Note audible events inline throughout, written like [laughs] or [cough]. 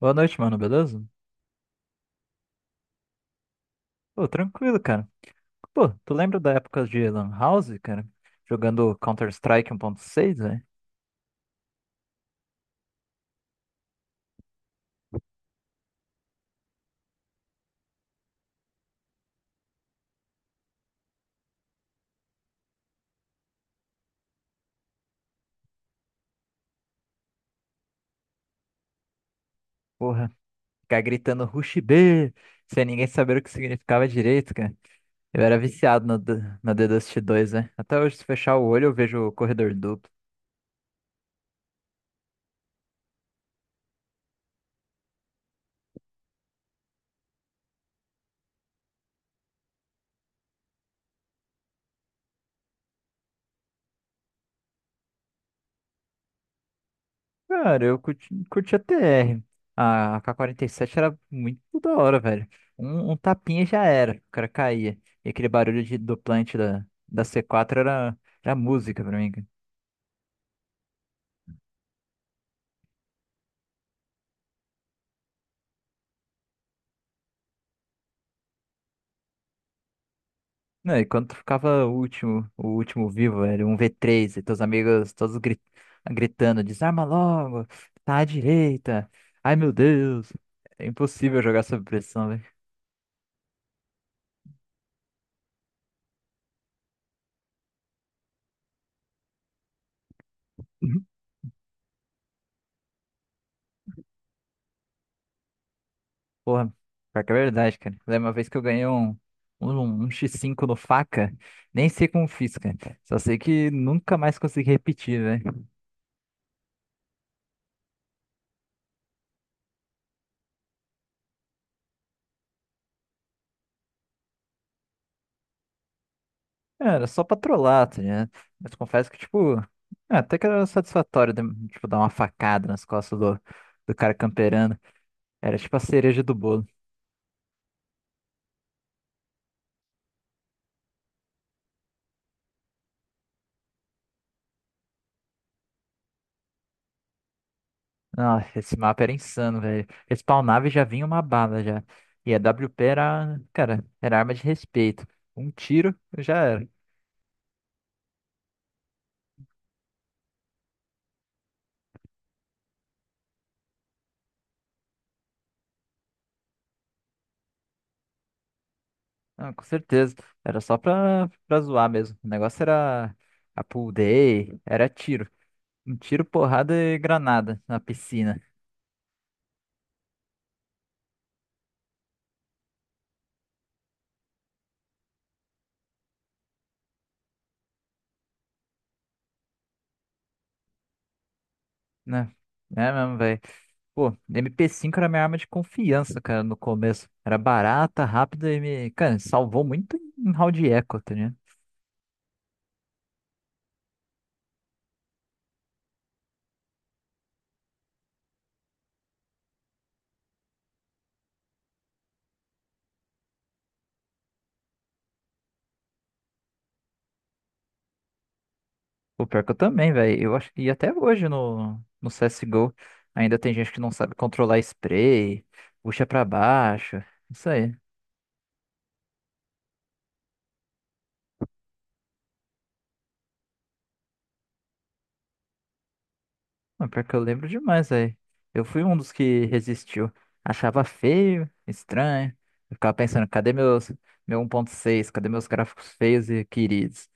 Boa noite, mano, beleza? Pô, tranquilo, cara. Pô, tu lembra da época de Lan House, cara? Jogando Counter-Strike 1.6, velho? Porra, ficar gritando Rush B, sem ninguém saber o que significava direito, cara. Eu era viciado no The Dust 2, né? Até hoje, se fechar o olho, eu vejo o corredor duplo. Cara, eu curti a TR. A K 47 era muito da hora, velho. Um tapinha já era, o cara caía. E aquele barulho do plant da C4 era música pra mim. Não, e quando tu ficava o último vivo, era um V3, e teus amigos todos gritando, desarma logo, tá à direita, ai meu Deus, é impossível jogar sob pressão, velho. [laughs] Porra, pior que é verdade, cara. Lembra uma vez que eu ganhei um X5 no faca? Nem sei como fiz, cara. Só sei que nunca mais consegui repetir, né? Era só pra trollar, tá ligado? Mas confesso que, tipo, é, até que era satisfatório, tipo, dar uma facada nas costas do cara camperando. Era tipo a cereja do bolo. Ah, esse mapa era insano, velho. Respawnava e já vinha uma bala já. E a WP era, cara, era arma de respeito. Um tiro já era. Ah, com certeza. Era só pra zoar mesmo. O negócio era a pool day, era tiro. Um tiro, porrada e granada na piscina, né? É mesmo, velho. Pô, MP5 era minha arma de confiança, cara, no começo. Era barata, rápida e me. Cara, salvou muito em round eco, tá. O pior que eu também, velho. Eu acho que até hoje no CSGO ainda tem gente que não sabe controlar spray, puxa pra baixo. Isso aí. O pior que eu lembro demais, velho. Eu fui um dos que resistiu. Achava feio, estranho. Eu ficava pensando, cadê meu 1.6? Cadê meus gráficos feios e queridos?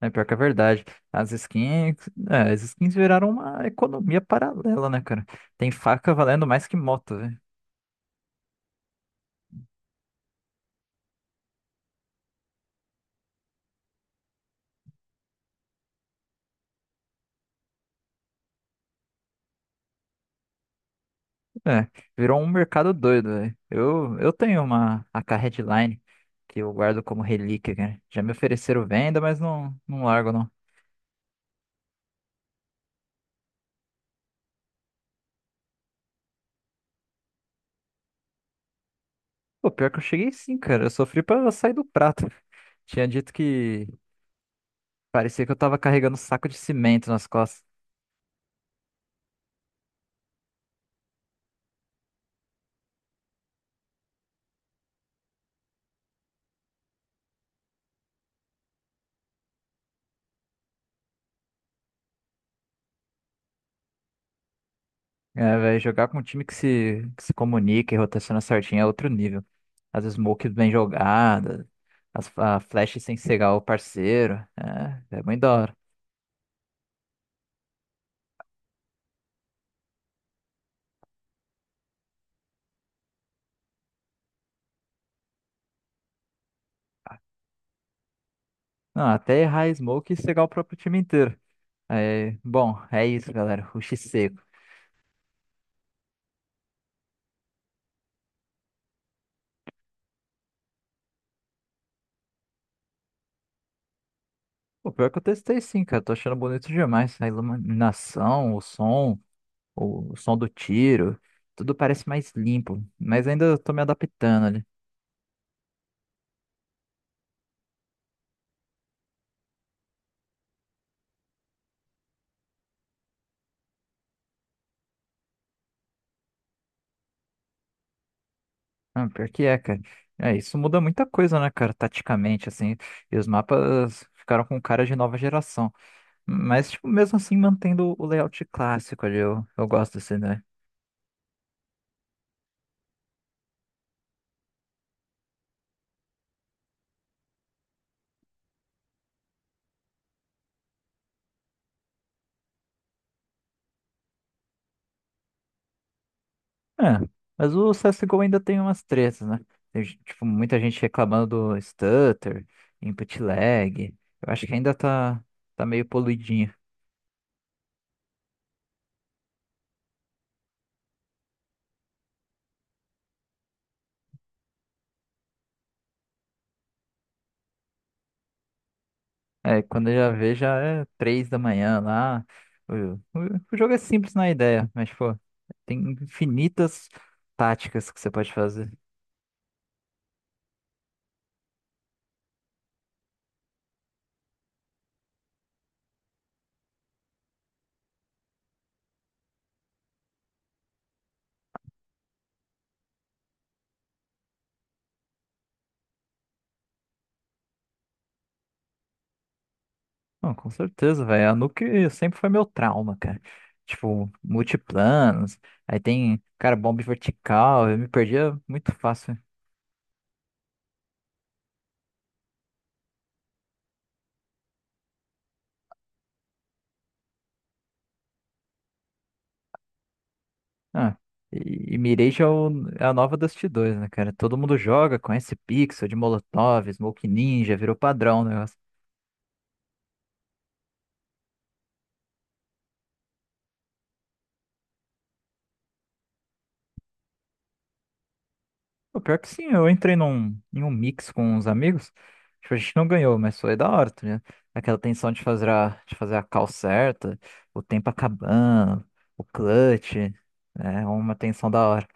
É pior que é verdade. As skins, as skins viraram uma economia paralela, né, cara? Tem faca valendo mais que moto. É, virou um mercado doido, velho. Eu tenho uma a K Headline que eu guardo como relíquia, cara. Já me ofereceram venda, mas não, não largo, não. Pô, pior que eu cheguei sim, cara. Eu sofri pra sair do prato. [laughs] Tinha dito que parecia que eu tava carregando um saco de cimento nas costas. É, velho, jogar com um time que se comunica e rotaciona certinho é outro nível. As smokes bem jogadas, a flash sem cegar o parceiro. É, é muito da hora. Não, até errar a smoke e cegar o próprio time inteiro. É, bom, é isso, galera. Rush seco. O pior que eu testei sim, cara. Tô achando bonito demais. A iluminação, o som, o som do tiro, tudo parece mais limpo. Mas ainda eu tô me adaptando ali. Ah, pior que é, cara. É, isso muda muita coisa, né, cara, taticamente, assim. E os mapas ficaram com cara de nova geração. Mas, tipo, mesmo assim, mantendo o layout clássico ali. Eu gosto assim, né? É, mas o CSGO ainda tem umas tretas, né? Tem, tipo, muita gente reclamando do stutter, input lag. Eu acho que ainda tá meio poluidinho. É, quando eu já vejo, já é 3 da manhã lá. O, o jogo é simples na ideia, mas, pô, tem infinitas táticas que você pode fazer. Não, com certeza, velho. A Nuke sempre foi meu trauma, cara. Tipo, multiplanos, aí tem, cara, bomba vertical. Eu me perdia muito fácil. Ah, e Mirage é a nova Dust 2, né, cara? Todo mundo joga, conhece Pixel, de Molotov, Smoke Ninja, virou padrão o negócio. Pô, pior que sim, eu entrei em um mix com uns amigos. Tipo, a gente não ganhou, mas foi da hora, tá ligado? Aquela tensão de fazer a call certa, o tempo acabando, o clutch. É uma tensão da hora.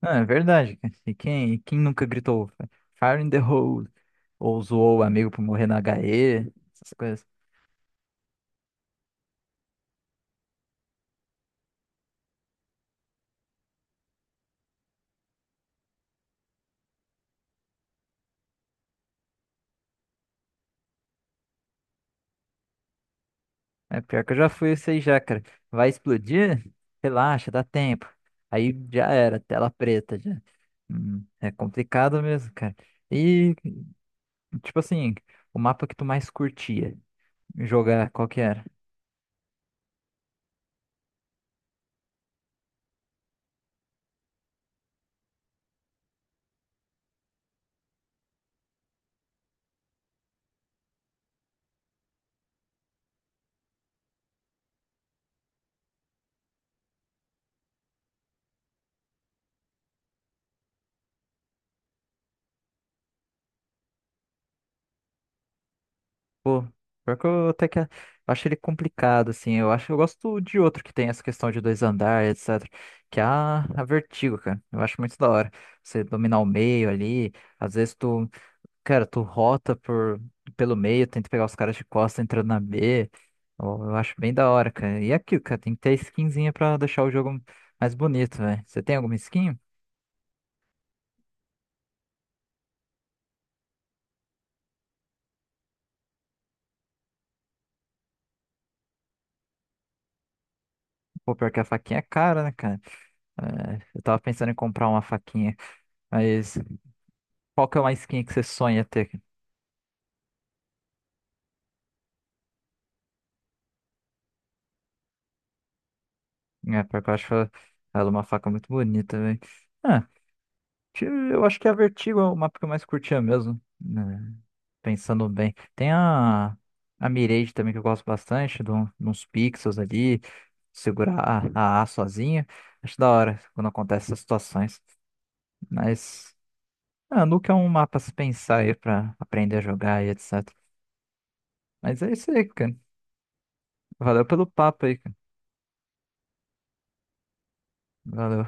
Ah, é verdade, cara. E quem nunca gritou Fire in the hole? Ou zoou o amigo por morrer na HE? Essas coisas. É pior que eu já fui isso aí já, cara. Vai explodir? Relaxa, dá tempo. Aí já era, tela preta já. É complicado mesmo, cara. E, tipo assim, o mapa que tu mais curtia jogar, qual que era? Pô, pior que eu até que eu acho ele complicado, assim. Eu acho, eu gosto de outro que tem essa questão de dois andares, etc. Que é a Vertigo, cara. Eu acho muito da hora. Você dominar o meio ali. Às vezes tu. Cara, tu rota pelo meio, tenta pegar os caras de costa entrando na B. Eu acho bem da hora, cara. E é aquilo, cara, tem que ter skinzinha pra deixar o jogo mais bonito, velho. Você tem alguma skin? Pô, pior que a faquinha é cara, né, cara? É, eu tava pensando em comprar uma faquinha, mas qual que é uma skin que você sonha ter? É, pior que eu acho ela uma faca muito bonita, velho. Ah, eu acho que é a Vertigo é o mapa que eu mais curtia mesmo, né? Pensando bem. Tem a Mirage também que eu gosto bastante, de uns pixels ali, segurar a A sozinha. Acho da hora quando acontece essas situações. Mas Nuke é um mapa a se pensar aí pra aprender a jogar e etc. Mas é isso aí, cara. Valeu pelo papo aí, cara. Valeu.